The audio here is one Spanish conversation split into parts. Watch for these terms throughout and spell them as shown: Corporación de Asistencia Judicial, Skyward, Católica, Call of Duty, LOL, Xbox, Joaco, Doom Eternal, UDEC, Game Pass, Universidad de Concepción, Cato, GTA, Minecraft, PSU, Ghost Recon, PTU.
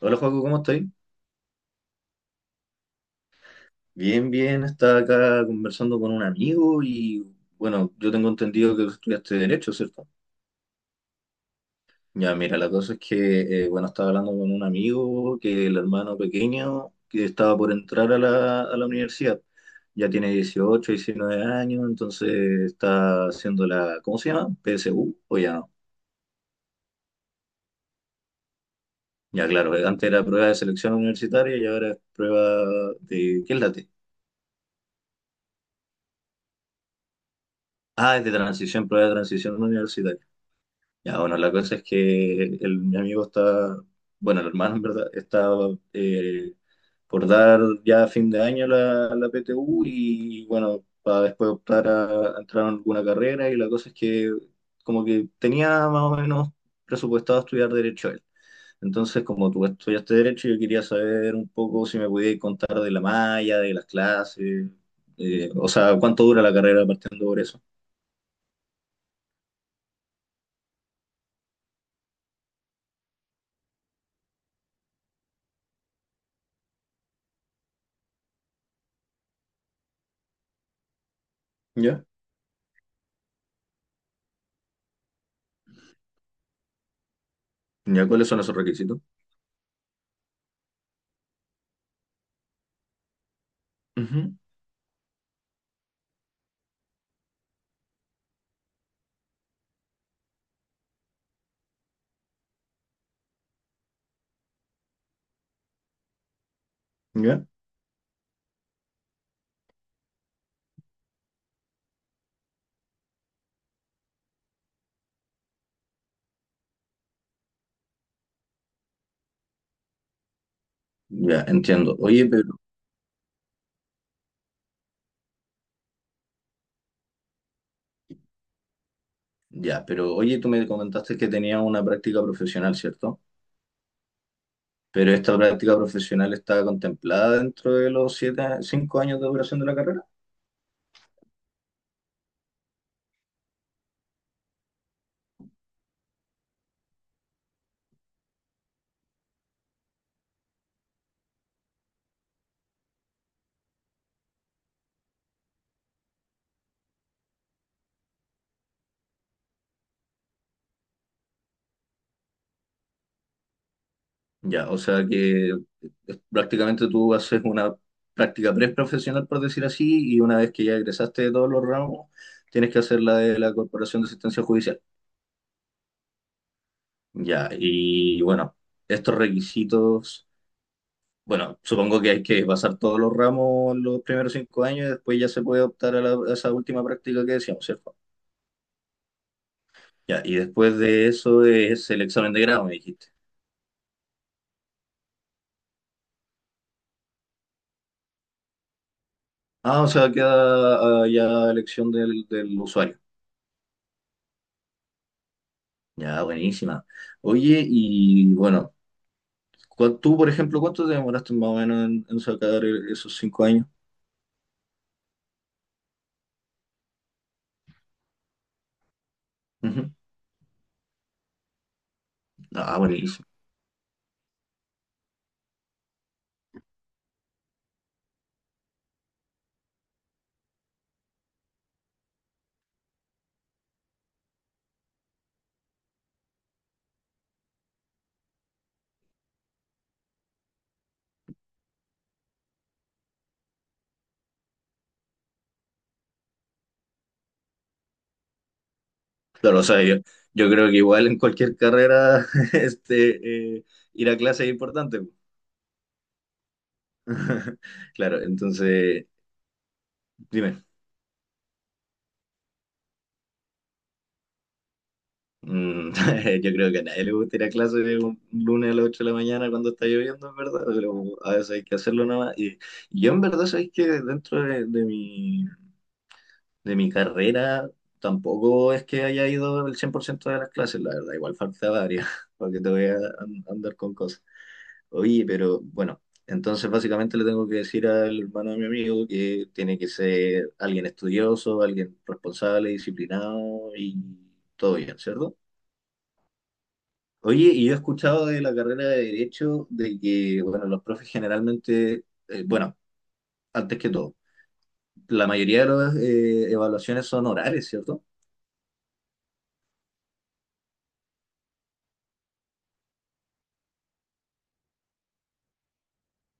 Hola, Joaco, ¿cómo estoy? Bien, bien, estaba acá conversando con un amigo y bueno, yo tengo entendido que tú estudiaste Derecho, ¿cierto? Ya, mira, la cosa es que, bueno, estaba hablando con un amigo que el hermano pequeño que estaba por entrar a la universidad, ya tiene 18, 19 años, entonces está haciendo la, ¿cómo se llama? PSU, o ya no. Ya, claro, antes era prueba de selección universitaria y ahora es prueba de, ¿qué es la T? Ah, es de transición, prueba de transición universitaria. Ya, bueno, la cosa es que mi amigo está, bueno, el hermano en verdad, está eh, por dar ya a fin de año la PTU y bueno, para después optar a entrar en alguna carrera y la cosa es que como que tenía más o menos presupuestado estudiar derecho él. Entonces, como tú estudiaste derecho, yo quería saber un poco si me podías contar de la malla, de las clases, o sea, cuánto dura la carrera partiendo por eso. ¿Ya? ¿Ya cuáles son esos requisitos? Ujú. ¿Ya? Ya, entiendo. Oye, pero, ya, pero oye, tú me comentaste que tenías una práctica profesional, ¿cierto? Pero esta práctica profesional está contemplada dentro de los 7, 5 años de duración de la carrera. Ya, o sea que prácticamente tú haces una práctica preprofesional, por decir así, y una vez que ya egresaste de todos los ramos, tienes que hacer la de la Corporación de Asistencia Judicial. Ya, y bueno, estos requisitos. Bueno, supongo que hay que pasar todos los ramos los primeros 5 años y después ya se puede optar a, a esa última práctica que decíamos, ¿cierto? Ya, y después de eso es el examen de grado, me dijiste. Ah, o sea, queda ya elección del usuario. Ya, buenísima. Oye, y bueno, tú, por ejemplo, ¿cuánto te demoraste más o menos en sacar esos 5 años? Ujú. Ah, buenísimo. Claro, o sea, yo creo que igual en cualquier carrera, este, eh, ir a clase es importante. Claro, entonces, dime, mm, yo creo que a nadie le gustaría ir a clase un lunes a las 8 de la mañana cuando está lloviendo, en verdad, pero a veces hay que hacerlo nada más. Y yo en verdad sabéis que dentro de mi carrera tampoco es que haya ido el 100% de las clases, la verdad, igual faltaba varias, porque te voy a andar con cosas. Oye, pero bueno, entonces básicamente le tengo que decir al hermano de mi amigo que tiene que ser alguien estudioso, alguien responsable, disciplinado y todo bien, ¿cierto? Oye, y yo he escuchado de la carrera de Derecho de que, bueno, los profes generalmente, bueno, antes que todo, la mayoría de las evaluaciones son orales, ¿cierto?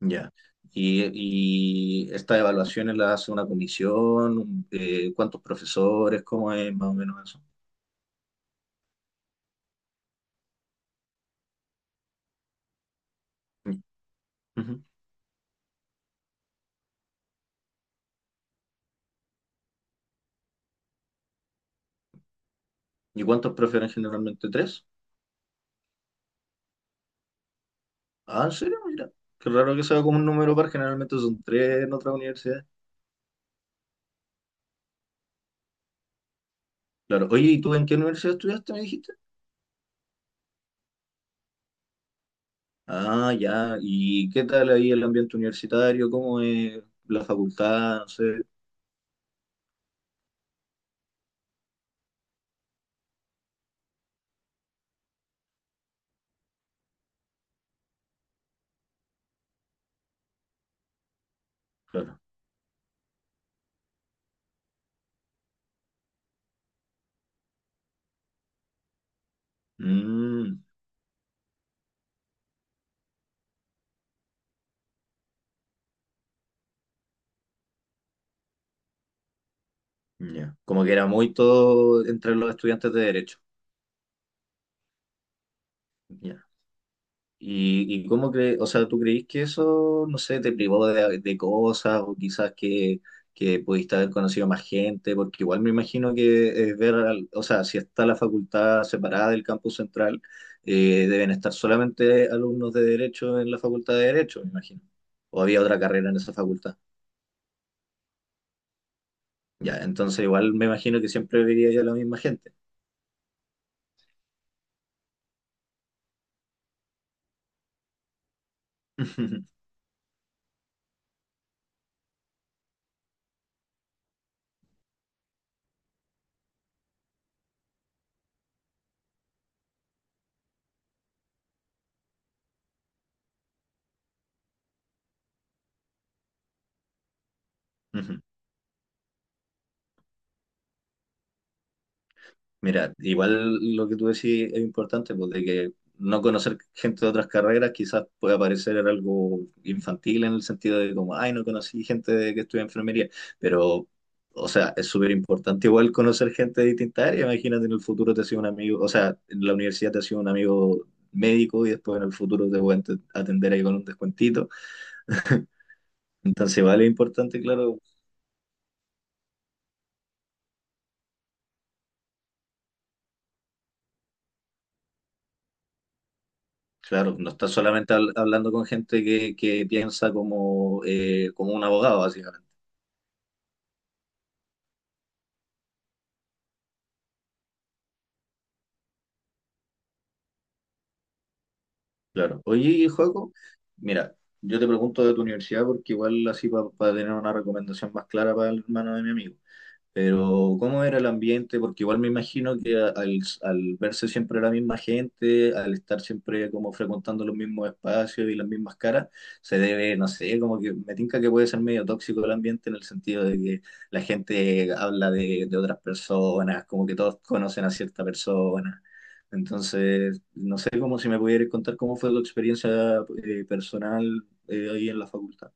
Ya. Y, y estas evaluaciones las hace una comisión, cuántos profesores, cómo es más o menos eso. Ujú. ¿Y cuántos prefieren generalmente? ¿Tres? Ah, ¿en serio? Mira, qué raro que sea como un número par, generalmente son tres en otras universidades. Claro, oye, ¿y tú en qué universidad estudiaste, me dijiste? Ah, ya, ¿y qué tal ahí el ambiente universitario? ¿Cómo es la facultad? No sé, claro. Mm, ya, como que era muy todo entre los estudiantes de derecho. Ya. ¿Y cómo crees, o sea, tú creís que eso, no sé, te privó de cosas o quizás que pudiste haber conocido a más gente? Porque igual me imagino que ver, o sea, si está la facultad separada del campus central, deben estar solamente alumnos de Derecho en la facultad de Derecho, me imagino. O había otra carrera en esa facultad. Ya, entonces igual me imagino que siempre vería yo a la misma gente. Mira, igual lo que tú decís es importante, pues de que no conocer gente de otras carreras quizás pueda parecer algo infantil en el sentido de como, ay, no conocí gente que estudia enfermería, pero, o sea, es súper importante igual conocer gente de distintas áreas. Imagínate, en el futuro te ha sido un amigo, o sea, en la universidad te ha sido un amigo médico y después en el futuro te pueden atender ahí con un descuentito. Entonces, vale, es importante, claro. Claro, no estás solamente hablando con gente que piensa como un abogado, básicamente. Claro. Oye, Joaco, mira, yo te pregunto de tu universidad porque igual así para tener una recomendación más clara para el hermano de mi amigo. Pero, ¿cómo era el ambiente? Porque igual me imagino que al verse siempre la misma gente, al estar siempre como frecuentando los mismos espacios y las mismas caras, se debe, no sé, como que me tinca que puede ser medio tóxico el ambiente en el sentido de que la gente habla de otras personas, como que todos conocen a cierta persona. Entonces, no sé cómo si me pudieras contar cómo fue tu experiencia personal ahí en la facultad.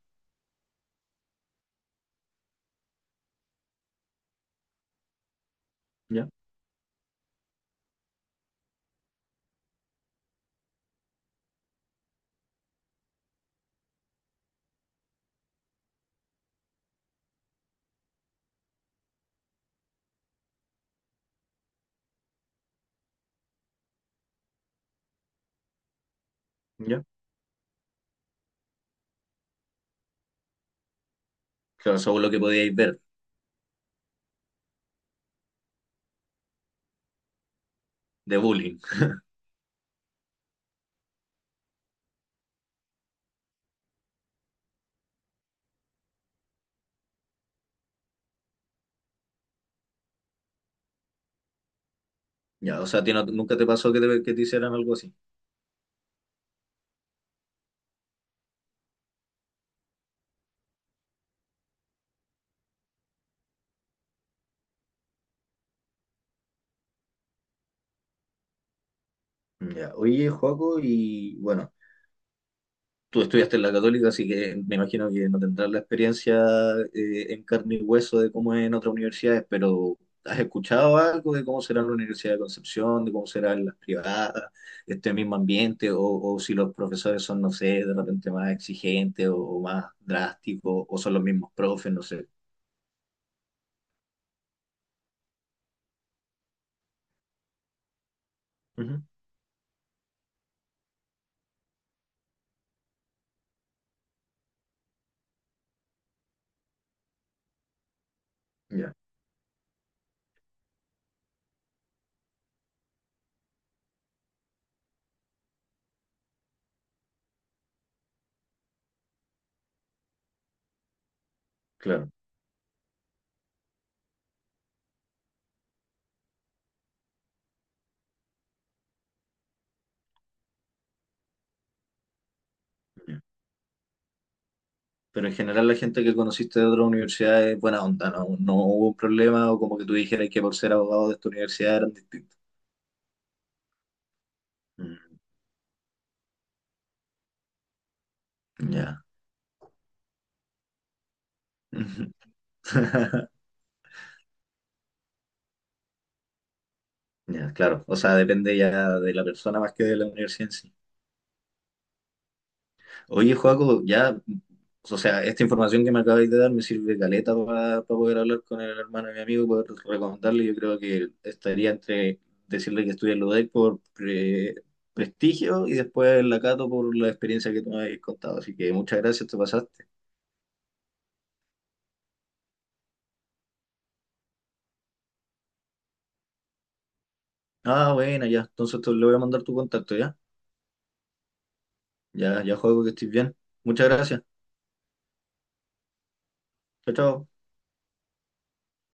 ¿Ya? ¿Ya? Claro, según lo que podíais ver de bullying. Ya, o sea, a ti nunca te pasó que te hicieran algo así. Ya, oye, Joaco, y bueno, tú estudiaste en la Católica, así que me imagino que no tendrás la experiencia en carne y hueso de cómo es en otras universidades, pero ¿has escuchado algo de cómo será la Universidad de Concepción, de cómo serán las privadas, este mismo ambiente, o si los profesores son, no sé, de repente más exigentes o más drásticos, o son los mismos profes, no sé? Ujú, ya, claro. Pero en general la gente que conociste de otras universidades es buena onda, ¿no? No hubo un problema o como que tú dijeras que por ser abogado de esta universidad eran distintos. Mm, ya. Ya, claro. O sea, depende ya de la persona más que de la universidad en sí. Oye, Joaco, ya, o sea, esta información que me acabáis de dar me sirve caleta para poder hablar con el hermano de mi amigo y poder recomendarle. Yo creo que estaría entre decirle que estudie en la UDEC por prestigio y después la Cato por la experiencia que tú me habéis contado. Así que muchas gracias, te pasaste. Ah, bueno, ya. Entonces le voy a mandar tu contacto, ¿ya? Ya, ya, Joaco, que estés bien. Muchas gracias. Chao, chao.